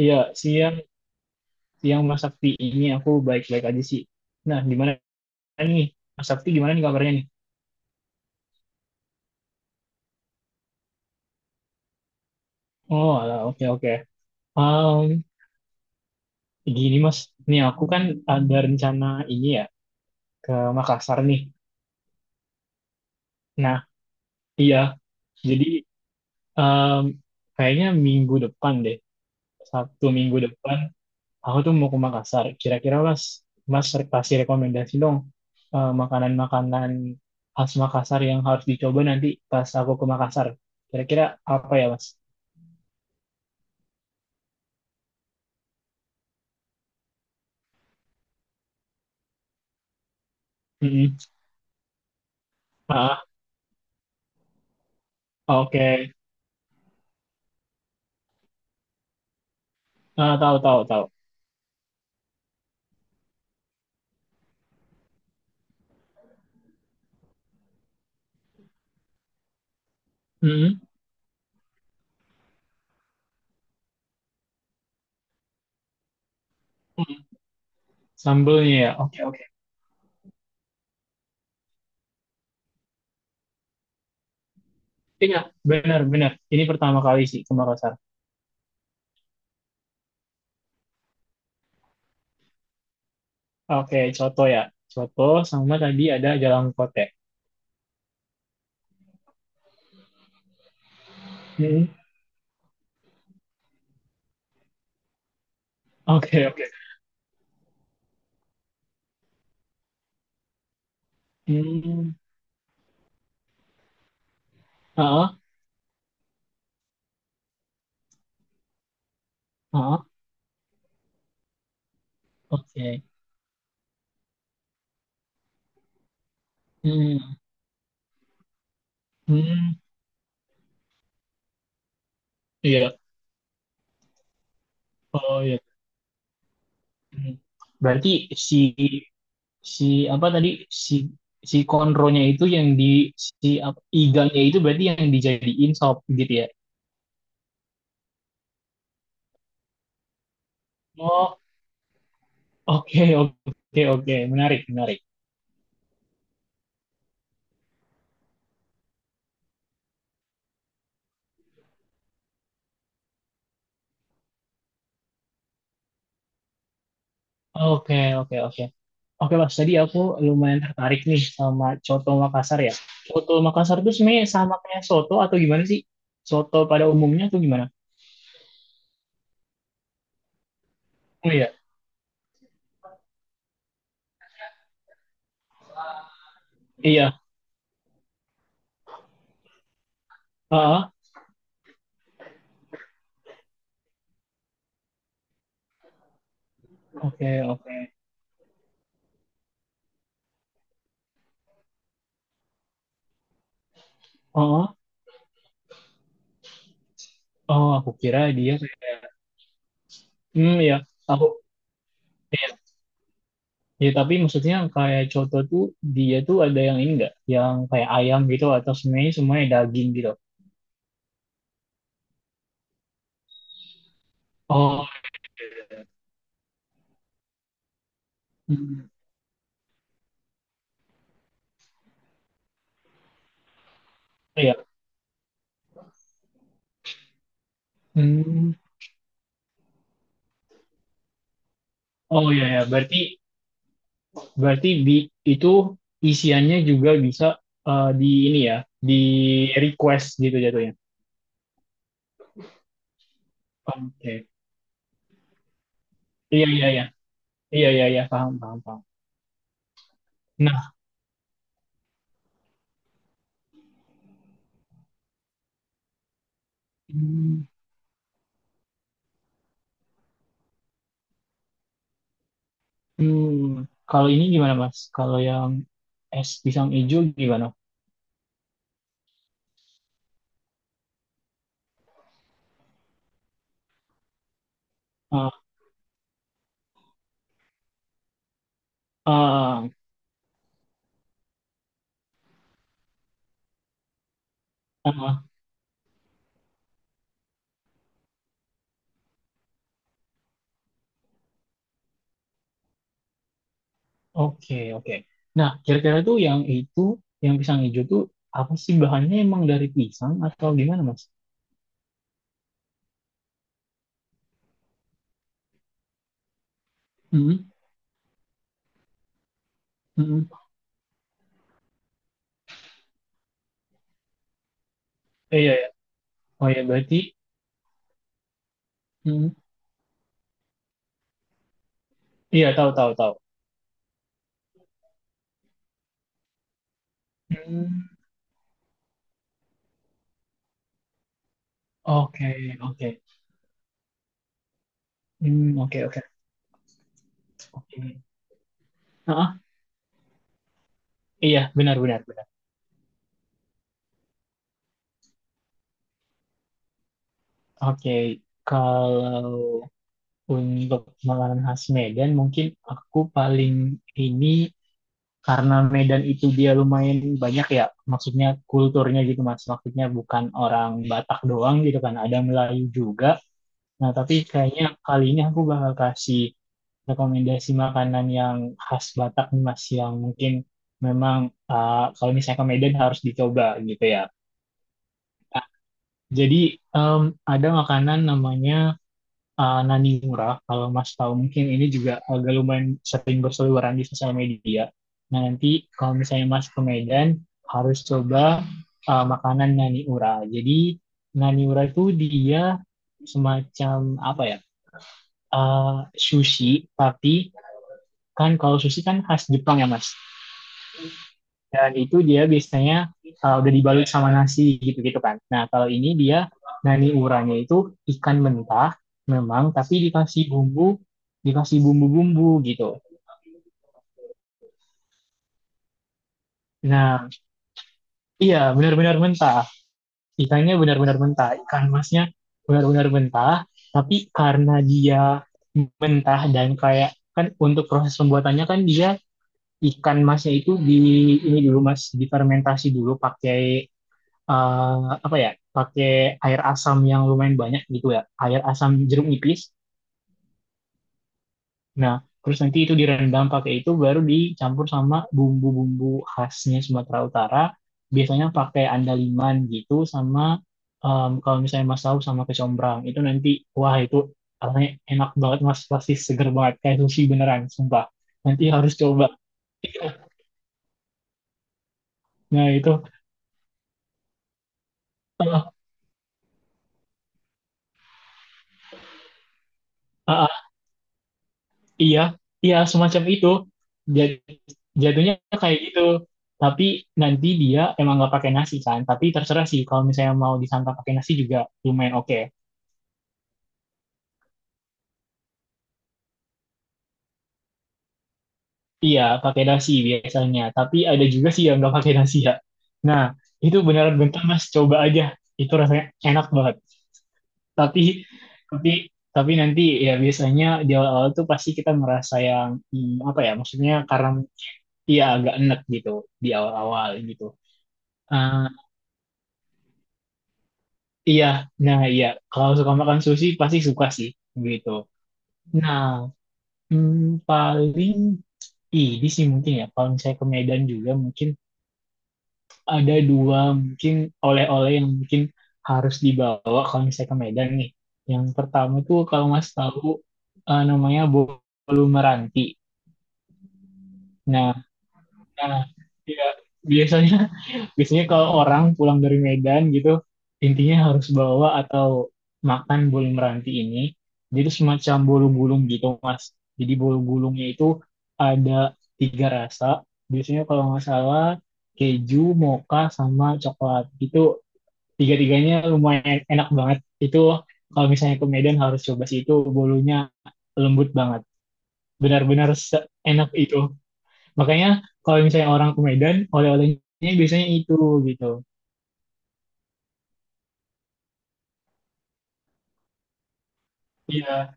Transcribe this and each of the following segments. Iya, siang siang Mas Sakti, ini aku baik-baik aja sih. Nah, gimana nih? Mas Sakti gimana nih kabarnya nih? Oh, alah, oke oke. Um, Gini Mas, nih aku kan ada rencana ini ya ke Makassar nih. Nah, iya. Jadi um, kayaknya minggu depan deh, Sabtu minggu depan. Aku tuh mau ke Makassar. Kira-kira mas, kasih rekomendasi dong, makanan-makanan khas Makassar yang harus dicoba nanti pas aku ke Makassar. Kira-kira apa ya mas? Mm-mm. Ah, oke. Ah, tahu tahu tahu. Mm-mm. Mm. Sambelnya ya. Oke oke. Iya, benar benar. Ini pertama kali sih ke Makassar. Oke, coto ya. Coto sama tadi ada jalan kote. Mm, oke oke. Hmm. Ah, ah, ah. Oke. Hmm. Hmm. Iya. Oh ya. Hmm. Berarti si si apa tadi si si konronya itu yang di si apa, iganya itu berarti yang dijadiin sop gitu ya. Oh, oke oke oke, menarik menarik. Oke oke oke. Oke Mas, tadi aku lumayan tertarik nih sama coto Makassar ya. Coto Makassar itu sebenarnya sama kayak soto atau gimana sih? Soto pada umumnya atau gimana? Oh iya, iya. Ah, oke oke. Oh, oh, aku kira dia kayak. Hmm, ya, aku iya. Ya, tapi maksudnya kayak coto tuh dia tuh ada yang ini enggak, yang kayak ayam gitu atau semuanya semuanya daging gitu. Oh, iya. Hmm, iya. Hmm. Oh iya ya, berarti berarti di itu isiannya juga bisa, di ini ya, di request gitu jatuhnya. Oke. Iya iya iya. Iya iya iya, paham paham paham. Nah, hmm, hmm, kalau ini gimana Mas? Kalau yang es pisang hijau gimana? Ah, ah, Ah, oke, oke. Nah, kira-kira tuh yang itu, yang pisang hijau tuh apa sih bahannya, emang dari pisang atau gimana, Mas? Mm-mm, mm-mm, eh, iya, ya. Oh ya, berarti mm-mm. Iya tahu tahu tahu. Hmm, oke, oke. Hmm, oke, oke. Oke. Ah, iya, benar benar benar. Oke, kalau untuk makanan khas Medan mungkin aku paling ini, karena Medan itu dia lumayan banyak ya, maksudnya kulturnya gitu mas, maksudnya bukan orang Batak doang gitu kan, ada Melayu juga. Nah, tapi kayaknya kali ini aku bakal kasih rekomendasi makanan yang khas Batak nih mas, yang mungkin memang, kalau misalnya ke Medan harus dicoba gitu ya. Nah, jadi em, ada makanan namanya Nani Murah, kalau Mas tahu mungkin ini juga agak lumayan sering berseliweran di sosial media. Nah, nanti kalau misalnya Mas ke Medan, harus coba makanan Nani Murah. Jadi, Nani Murah itu dia semacam apa ya? eh, Sushi, tapi kan kalau sushi kan khas Jepang ya, Mas, dan itu dia biasanya udah dibalut sama nasi gitu-gitu kan. Nah, kalau ini dia nani uranya itu ikan mentah memang tapi dikasih bumbu-bumbu gitu. Nah, iya benar-benar mentah. Ikannya benar-benar mentah. Ikan masnya benar-benar mentah, tapi karena dia mentah dan kayak kan untuk proses pembuatannya kan dia ikan masnya itu di ini dulu Mas, difermentasi dulu pakai eh, apa ya, pakai air asam yang lumayan banyak gitu ya, air asam jeruk nipis. Nah, terus nanti itu direndam pakai itu baru dicampur sama bumbu-bumbu khasnya Sumatera Utara, biasanya pakai andaliman gitu sama kalau misalnya mas tahu sama kecombrang itu nanti, wah itu rasanya enak banget mas, pasti seger banget kayak sushi beneran sumpah. Nanti harus coba. Nah, itu. Eh, eh, iya, iya semacam itu. Jadi jatuhnya kayak gitu. Tapi nanti dia emang nggak pakai nasi kan. Tapi terserah sih kalau misalnya mau disantap pakai nasi juga lumayan oke. Iya, pakai nasi biasanya. Tapi ada juga sih yang nggak pakai nasi ya. Nah, itu beneran bentar mas, coba aja. Itu rasanya enak banget. Tapi, tapi, tapi, nanti ya biasanya di awal-awal tuh pasti kita merasa yang hmm, apa ya? Maksudnya karena iya agak enek gitu di awal-awal gitu. Ah, iya, nah iya. Kalau suka makan sushi pasti suka sih, gitu. Nah, paling ini sih mungkin ya. Kalau misalnya ke Medan juga mungkin ada dua mungkin oleh-oleh yang mungkin harus dibawa kalau misalnya ke Medan nih. Yang pertama tuh kalau Mas tahu, namanya bolu meranti. Nah, nah, ya biasanya biasanya kalau orang pulang dari Medan gitu intinya harus bawa atau makan bolu meranti ini, jadi semacam bolu gulung gitu mas, jadi bolu gulungnya itu ada tiga rasa biasanya kalau nggak salah, keju mocha sama coklat, itu tiga-tiganya lumayan enak banget. Itu kalau misalnya ke Medan harus coba sih, itu bolunya lembut banget, benar-benar enak itu, makanya kalau misalnya orang ke Medan oleh-olehnya biasanya itu gitu. Iya,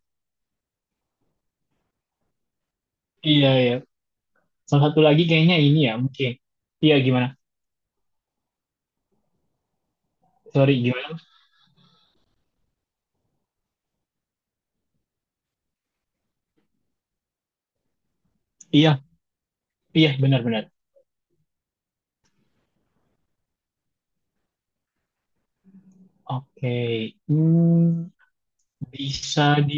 iya, iya. Salah satu lagi kayaknya ini ya, mungkin. Iya, gimana? Sorry, gimana? Iya, iya, benar-benar. Oke. Hmm, bisa di.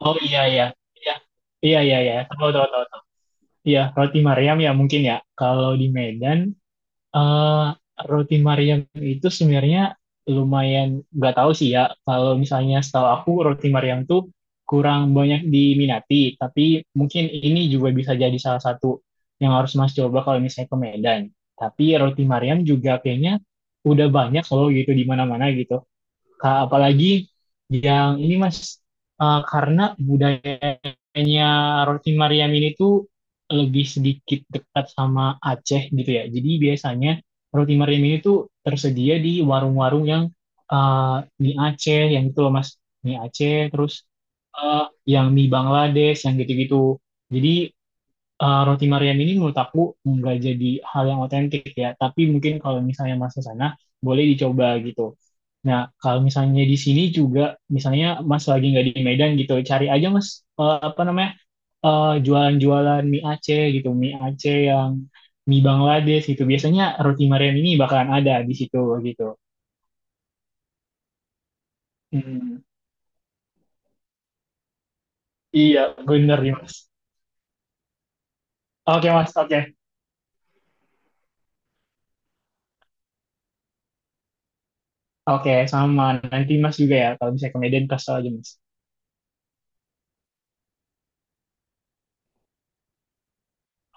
Oh, iya, iya. Iya, iya, iya, iya. Tahu, tahu, tahu, tahu. Iya, roti Mariam ya mungkin ya. Kalau di Medan, Eh, roti Mariam itu sebenarnya lumayan, nggak tahu sih ya. Kalau misalnya setahu aku roti Mariam tuh kurang banyak diminati, tapi mungkin ini juga bisa jadi salah satu yang harus Mas coba kalau misalnya ke Medan. Tapi roti Mariam juga kayaknya udah banyak loh gitu di mana-mana gitu. Apalagi yang ini Mas, karena budayanya roti Mariam ini tuh lebih sedikit dekat sama Aceh gitu ya. Jadi biasanya roti Mariam ini tuh tersedia di warung-warung yang eh, mie Aceh yang gitu loh Mas. Mie Aceh terus eh, yang mie Bangladesh yang gitu-gitu. Jadi roti Mariam ini menurut aku nggak jadi hal yang otentik ya. Tapi mungkin kalau misalnya Mas ke sana boleh dicoba gitu. Nah, kalau misalnya di sini juga, misalnya Mas lagi nggak di Medan gitu, cari aja Mas, apa namanya, jualan-jualan mie Aceh gitu, mie Aceh yang mie Bangladesh gitu. Biasanya roti Mariam ini bakalan ada di situ gitu. Hmm, iya, bener nih Mas. Oke Mas, oke, oke sama. Nanti Mas juga ya, kalau misalnya ke Medan kasih tau aja Mas.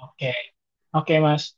Oke, oke Mas.